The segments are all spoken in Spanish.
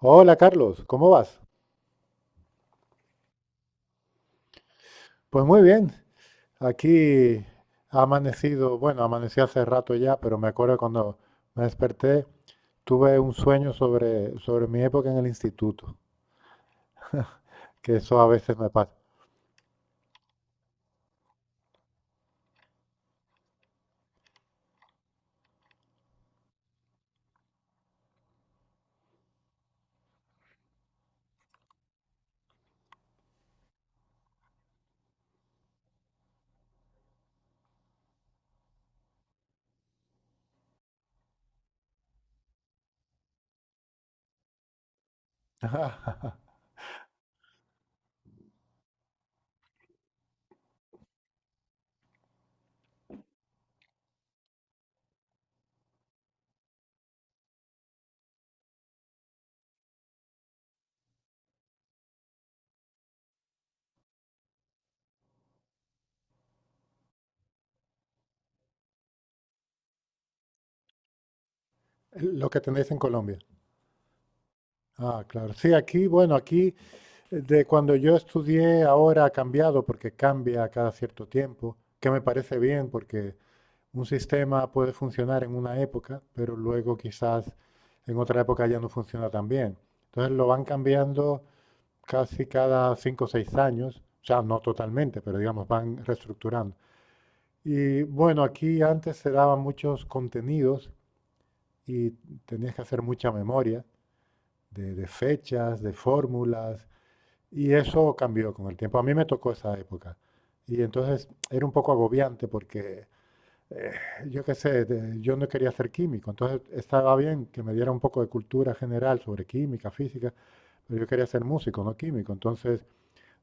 Hola Carlos, ¿cómo vas? Pues muy bien, aquí ha amanecido, bueno, amanecí hace rato ya, pero me acuerdo cuando me desperté, tuve un sueño sobre mi época en el instituto, que eso a veces me pasa. Ajá. Lo que tenéis en Colombia. Ah, claro. Sí, aquí, bueno, aquí de cuando yo estudié ahora ha cambiado porque cambia cada cierto tiempo, que me parece bien porque un sistema puede funcionar en una época, pero luego quizás en otra época ya no funciona tan bien. Entonces lo van cambiando casi cada cinco o seis años, o sea, no totalmente, pero digamos, van reestructurando. Y bueno, aquí antes se daban muchos contenidos y tenías que hacer mucha memoria de fechas, de fórmulas, y eso cambió con el tiempo. A mí me tocó esa época. Y entonces era un poco agobiante porque eh, yo qué sé, yo no quería ser químico, entonces estaba bien que me diera un poco de cultura general sobre química, física, pero yo quería ser músico, no químico. Entonces,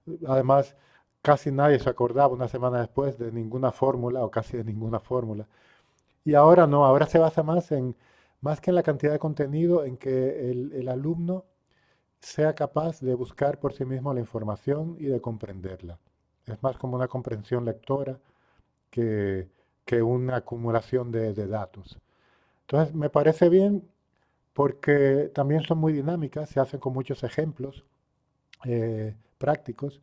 además, casi nadie se acordaba una semana después de ninguna fórmula o casi de ninguna fórmula. Y ahora no, ahora se basa más que en la cantidad de contenido, en que el alumno sea capaz de buscar por sí mismo la información y de comprenderla. Es más como una comprensión lectora que, que una acumulación de datos. Entonces, me parece bien porque también son muy dinámicas, se hacen con muchos ejemplos prácticos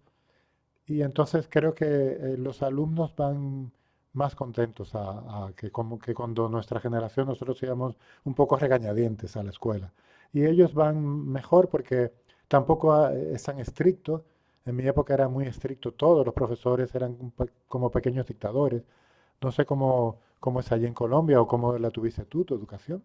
y entonces creo que los alumnos van más contentos a que, como que cuando nuestra generación nosotros íbamos un poco regañadientes a la escuela. Y ellos van mejor porque tampoco ah, es tan estricto. En mi época era muy estricto, todos los profesores eran como pequeños dictadores. No sé cómo es allí en Colombia o cómo la tuviste tu educación.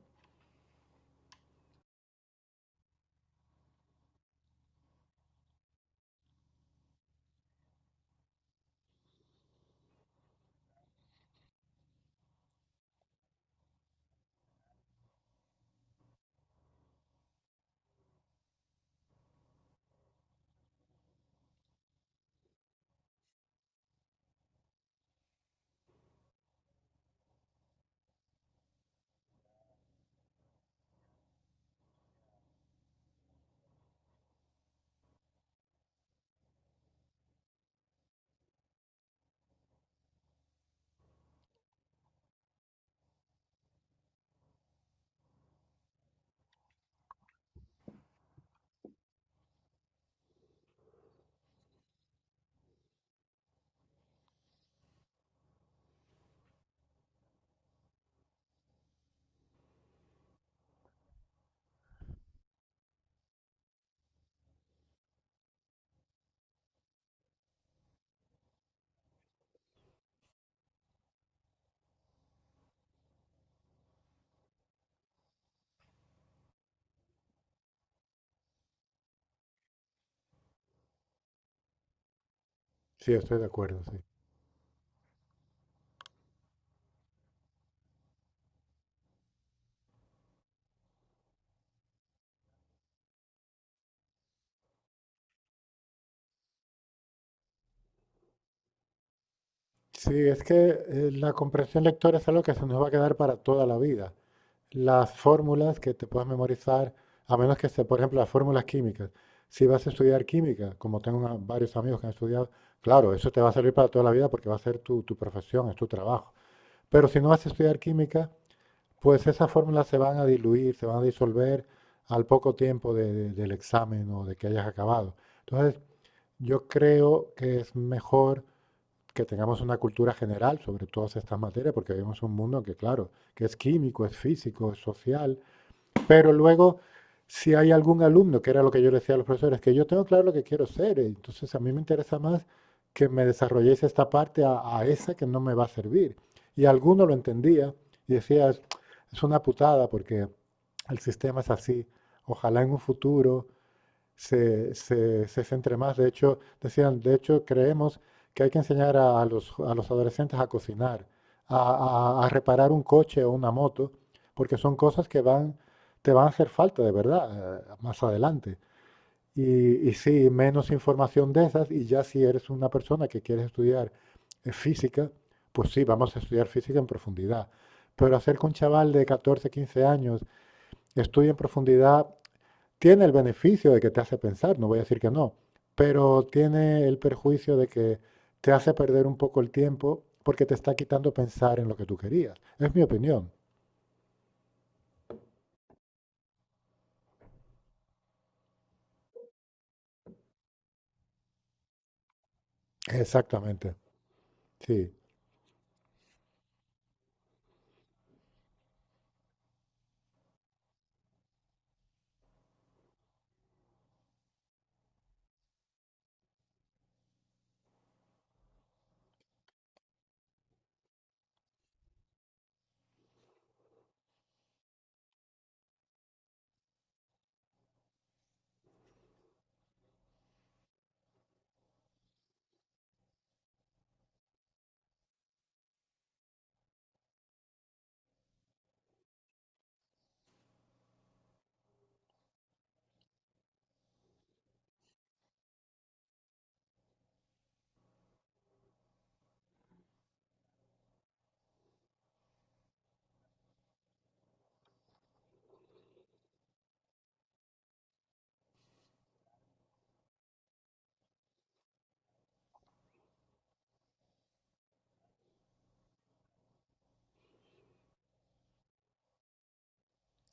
Sí, estoy de acuerdo, sí. Sí, es que la comprensión lectora es algo que se nos va a quedar para toda la vida. Las fórmulas que te puedas memorizar, a menos que sea, por ejemplo, las fórmulas químicas. Si vas a estudiar química, como tengo varios amigos que han estudiado, claro, eso te va a servir para toda la vida porque va a ser tu profesión, es tu trabajo. Pero si no vas a estudiar química, pues esas fórmulas se van a diluir, se van a disolver al poco tiempo del examen o de que hayas acabado. Entonces, yo creo que es mejor que tengamos una cultura general sobre todas estas materias, porque vivimos un mundo que, claro, que es químico, es físico, es social, pero luego, si hay algún alumno, que era lo que yo le decía a los profesores, que yo tengo claro lo que quiero ser, entonces a mí me interesa más que me desarrolléis esta parte a esa que no me va a servir. Y alguno lo entendía y decía, es una putada porque el sistema es así, ojalá en un futuro se centre más. De hecho, decían, de hecho, creemos que hay que enseñar a los adolescentes a cocinar, a, a reparar un coche o una moto, porque son cosas que van, te van a hacer falta de verdad, más adelante. Y sí, menos información de esas, y ya si eres una persona que quieres estudiar física, pues sí, vamos a estudiar física en profundidad. Pero hacer que un chaval de 14, 15 años estudie en profundidad tiene el beneficio de que te hace pensar, no voy a decir que no, pero tiene el perjuicio de que te hace perder un poco el tiempo porque te está quitando pensar en lo que tú querías. Es mi opinión. Exactamente. Sí,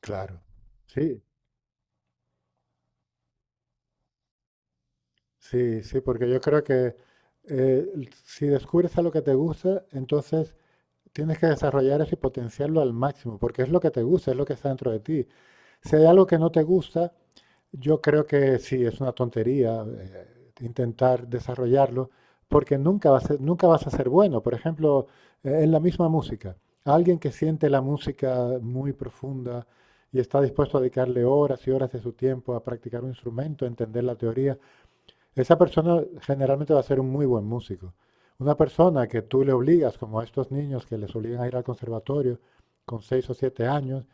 claro. Sí, sí, sí, porque yo creo que si descubres algo que te gusta, entonces tienes que desarrollar eso y potenciarlo al máximo, porque es lo que te gusta, es lo que está dentro de ti. Si hay algo que no te gusta, yo creo que sí, es una tontería intentar desarrollarlo, porque nunca, nunca vas a ser bueno. Por ejemplo, en la misma música, alguien que siente la música muy profunda y está dispuesto a dedicarle horas y horas de su tiempo a practicar un instrumento, a entender la teoría, esa persona generalmente va a ser un muy buen músico. Una persona que tú le obligas, como a estos niños que les obligan a ir al conservatorio con seis o siete años,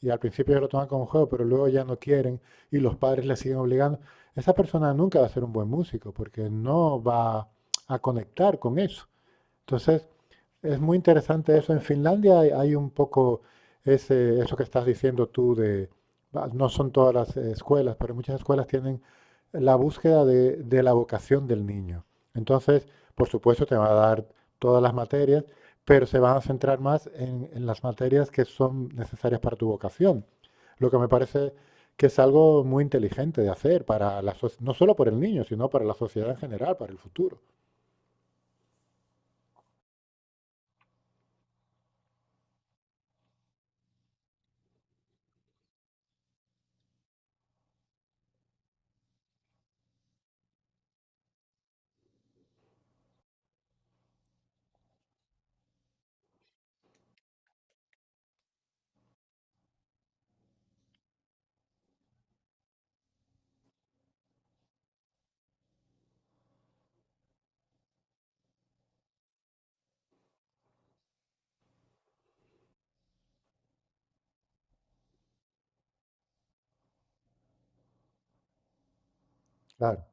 y al principio ellos lo toman como juego, pero luego ya no quieren y los padres les siguen obligando, esa persona nunca va a ser un buen músico porque no va a conectar con eso. Entonces, es muy interesante eso. En Finlandia hay un poco eso que estás diciendo tú de, va, no son todas las escuelas, pero muchas escuelas tienen la búsqueda de la vocación del niño. Entonces, por supuesto, te va a dar todas las materias, pero se van a centrar más en las materias que son necesarias para tu vocación. Lo que me parece que es algo muy inteligente de hacer para no solo por el niño, sino para la sociedad en general, para el futuro. Claro,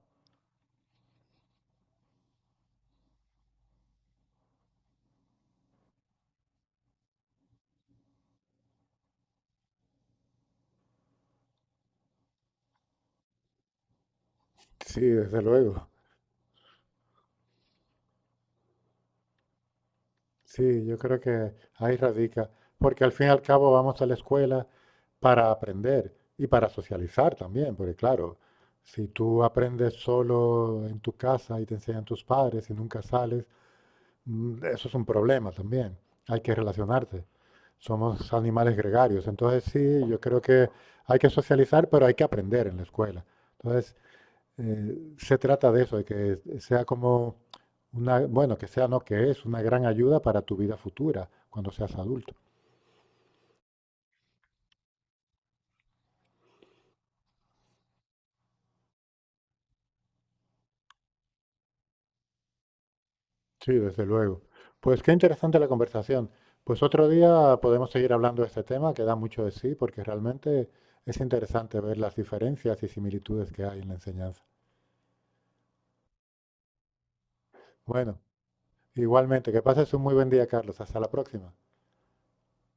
sí, desde luego. Sí, yo creo que ahí radica, porque al fin y al cabo vamos a la escuela para aprender y para socializar también, porque claro, si tú aprendes solo en tu casa y te enseñan tus padres y nunca sales, mm, eso es un problema también. Hay que relacionarte. Somos animales gregarios, entonces sí, yo creo que hay que socializar, pero hay que aprender en la escuela. Entonces se trata de eso, de que sea como una, bueno, que sea no que es, una gran ayuda para tu vida futura cuando seas adulto. Sí, desde luego. Pues qué interesante la conversación. Pues otro día podemos seguir hablando de este tema, que da mucho de sí, porque realmente es interesante ver las diferencias y similitudes que hay en la enseñanza. Bueno, igualmente, que pases un muy buen día, Carlos. Hasta la próxima.